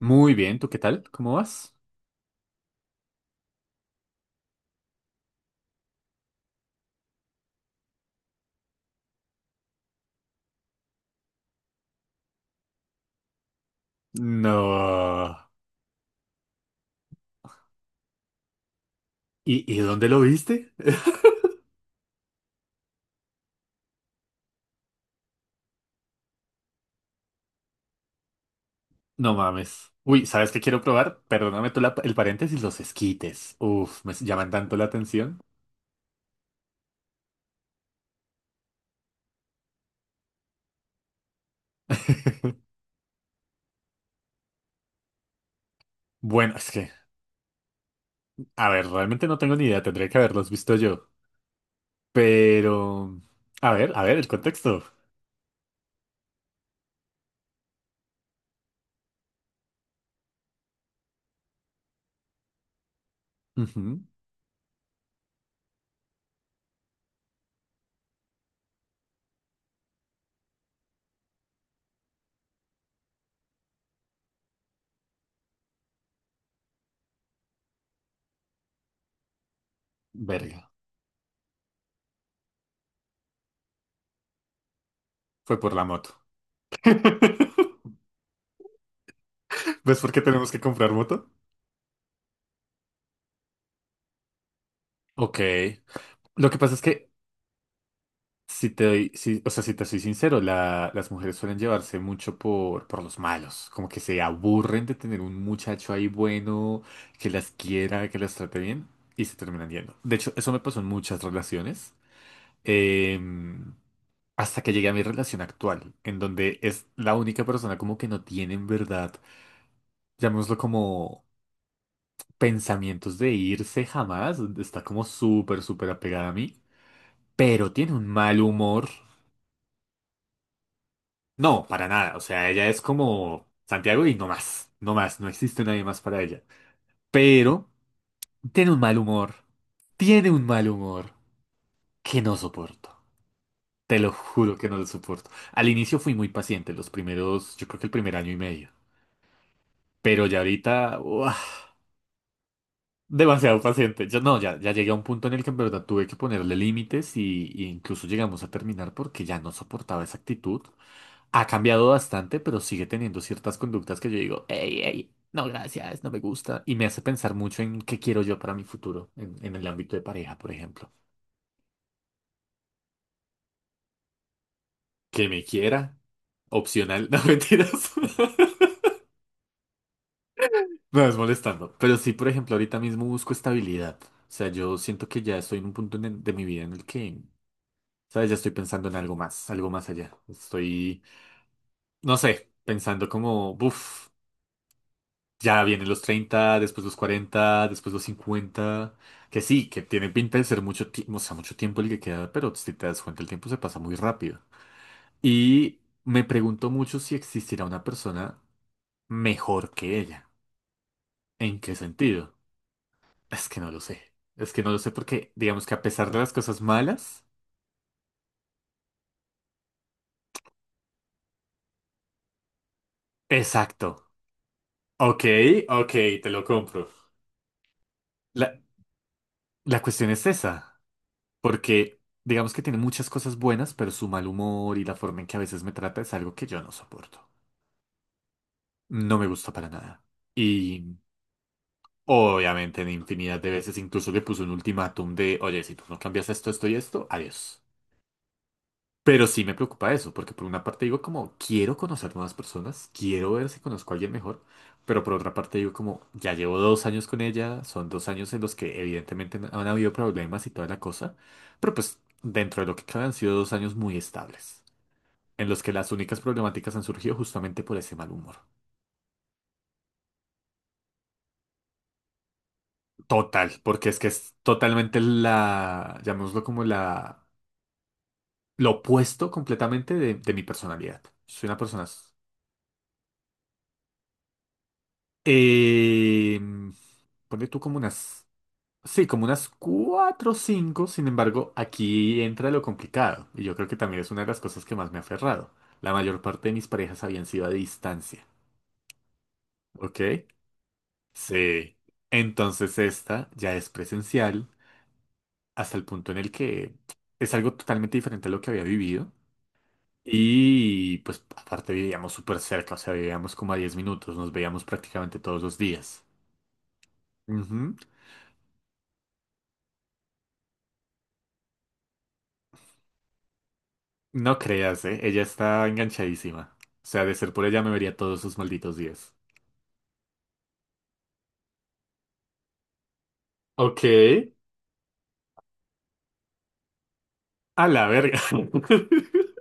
Muy bien, ¿tú qué tal? ¿Cómo vas? No. ¿Y dónde lo viste? No mames. Uy, ¿sabes qué quiero probar? Perdóname tú el paréntesis, los esquites. Uf, me llaman tanto la atención. Bueno, es que, a ver, realmente no tengo ni idea, tendría que haberlos visto yo. Pero, a ver, el contexto. Ujú. Verga. Fue por la moto. ¿Ves por qué tenemos que comprar moto? Ok. Lo que pasa es que, Si te doy, si- o sea, si te soy sincero, las mujeres suelen llevarse mucho por los malos, como que se aburren de tener un muchacho ahí bueno, que las quiera, que las trate bien, y se terminan yendo. De hecho, eso me pasó en muchas relaciones, em, hasta que llegué a mi relación actual, en donde es la única persona como que no tiene en verdad, llamémoslo como, pensamientos de irse jamás. Está como súper, súper apegada a mí, pero tiene un mal humor. No, para nada. O sea, ella es como Santiago y no más. No más. No existe nadie más para ella. Pero tiene un mal humor. Tiene un mal humor que no soporto. Te lo juro que no lo soporto. Al inicio fui muy paciente, los primeros, yo creo que el primer año y medio. Pero ya ahorita, ¡buah! Demasiado paciente. Yo no, ya llegué a un punto en el que en verdad tuve que ponerle límites y incluso llegamos a terminar porque ya no soportaba esa actitud. Ha cambiado bastante, pero sigue teniendo ciertas conductas que yo digo, hey, hey, no, gracias, no me gusta. Y me hace pensar mucho en qué quiero yo para mi futuro, en el ámbito de pareja, por ejemplo. Que me quiera, opcional. No, mentiras. No, es molestando. Pero sí, por ejemplo, ahorita mismo busco estabilidad. O sea, yo siento que ya estoy en un punto de mi vida en el que, ¿sabes? Ya estoy pensando en algo más allá. Estoy, no sé, pensando como, uff, ya vienen los 30, después los 40, después los 50. Que sí, que tiene pinta de ser mucho tiempo, o sea, mucho tiempo el que queda, pero si te das cuenta, el tiempo se pasa muy rápido. Y me pregunto mucho si existirá una persona mejor que ella. ¿En qué sentido? Es que no lo sé. Es que no lo sé porque, digamos, que a pesar de las cosas malas. Exacto. Ok, ok, te lo compro. La, la cuestión es esa. Porque digamos que tiene muchas cosas buenas, pero su mal humor y la forma en que a veces me trata es algo que yo no soporto. No me gusta para nada. Y obviamente en infinidad de veces incluso le puse un ultimátum de, oye, si tú no cambias esto, esto y esto, adiós. Pero sí me preocupa eso, porque por una parte digo como, quiero conocer nuevas personas, quiero ver si conozco a alguien mejor, pero por otra parte digo como, ya llevo 2 años con ella, son 2 años en los que evidentemente han habido problemas y toda la cosa, pero pues dentro de lo que cabe han sido 2 años muy estables. En los que las únicas problemáticas han surgido justamente por ese mal humor. Total, porque es que es totalmente la, llamémoslo como la, lo opuesto completamente de mi personalidad. Soy una persona, eh, ponle tú como unas, sí, como unas cuatro o cinco, sin embargo, aquí entra lo complicado, y yo creo que también es una de las cosas que más me ha aferrado. La mayor parte de mis parejas habían sido a distancia, ¿ok? Sí. Entonces esta ya es presencial. Hasta el punto en el que es algo totalmente diferente a lo que había vivido. Y pues aparte vivíamos súper cerca, o sea, vivíamos como a 10 minutos, nos veíamos prácticamente todos los días. Ujú. No creas, ¿eh? Ella está enganchadísima. O sea, de ser por ella me vería todos sus malditos días. Ok. A la verga.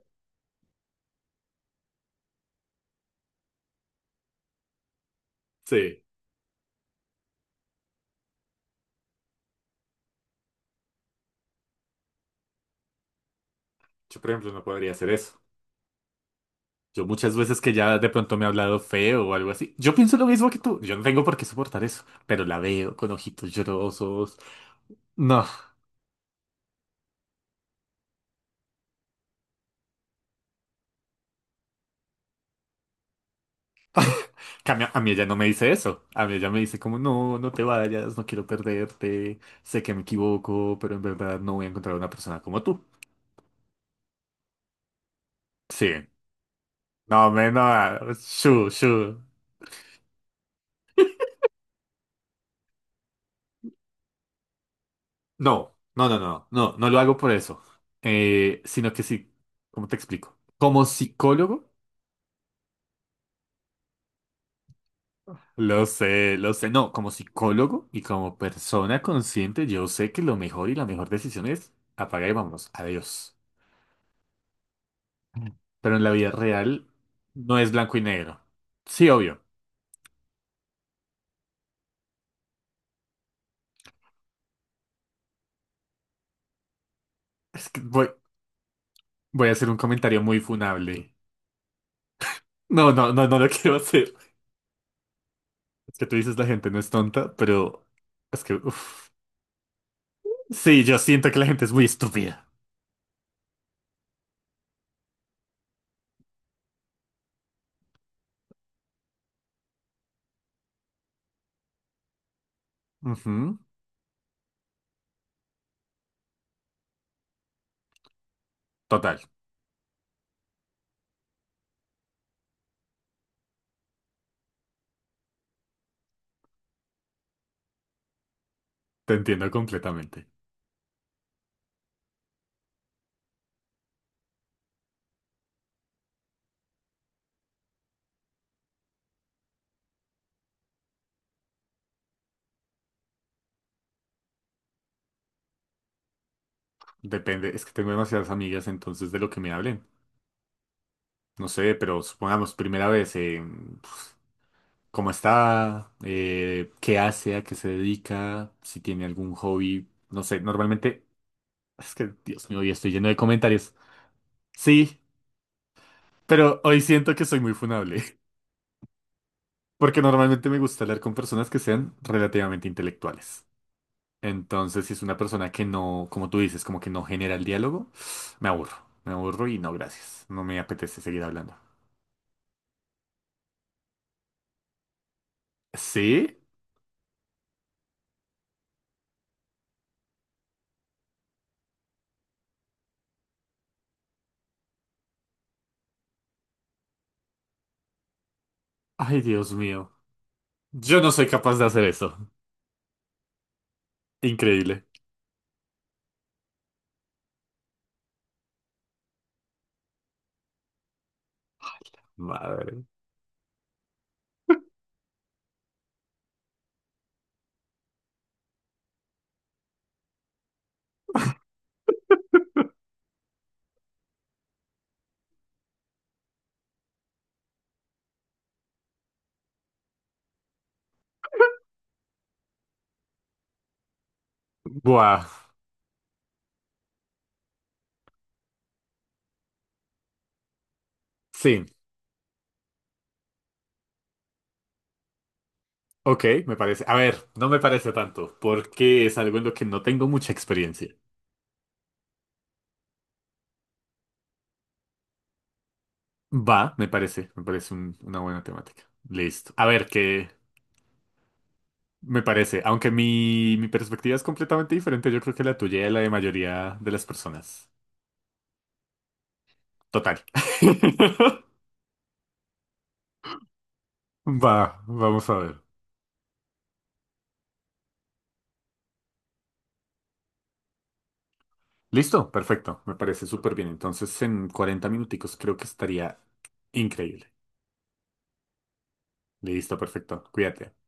Sí, yo por ejemplo no podría hacer eso. Yo muchas veces que ya de pronto me ha hablado feo o algo así, yo pienso lo mismo que tú. Yo no tengo por qué soportar eso, pero la veo con ojitos llorosos. No. Que a mí, a mí ella no me dice eso. A mí ella me dice como, no, no te vayas, no quiero perderte, sé que me equivoco, pero en verdad no voy a encontrar una persona como tú. Sí. No, me, no, shu, shu. No, no, no, no, no, no lo hago por eso. Sino que sí, ¿cómo te explico? Como psicólogo, lo sé, lo sé. No, como psicólogo y como persona consciente, yo sé que lo mejor y la mejor decisión es apagar y vámonos. Adiós. Pero en la vida real no es blanco y negro. Sí, obvio. Es que voy a hacer un comentario muy funable. No, no, no, no lo quiero hacer. Es que tú dices la gente no es tonta, pero es que, uff. Sí, yo siento que la gente es muy estúpida. Ujú. Total, te entiendo completamente. Depende, es que tengo demasiadas amigas, entonces de lo que me hablen. No sé, pero supongamos, primera vez, pf, ¿cómo está? ¿Qué hace? ¿A qué se dedica? Si tiene algún hobby. No sé, normalmente, es que, Dios mío, hoy estoy lleno de comentarios. Sí, pero hoy siento que soy muy funable, porque normalmente me gusta hablar con personas que sean relativamente intelectuales. Entonces, si es una persona que no, como tú dices, como que no genera el diálogo, me aburro, me aburro y no, gracias. No me apetece seguir hablando. ¿Sí? Ay, Dios mío. Yo no soy capaz de hacer eso. Increíble. Madre. Buah. Sí. Ok, me parece. A ver, no me parece tanto, porque es algo en lo que no tengo mucha experiencia. Va, me parece una buena temática. Listo. A ver, qué me parece. Aunque mi perspectiva es completamente diferente, yo creo que la tuya y la de mayoría de las personas. Total. Va, vamos a ver. Listo, perfecto, me parece súper bien. Entonces, en 40 minuticos creo que estaría increíble. Listo, perfecto. Cuídate.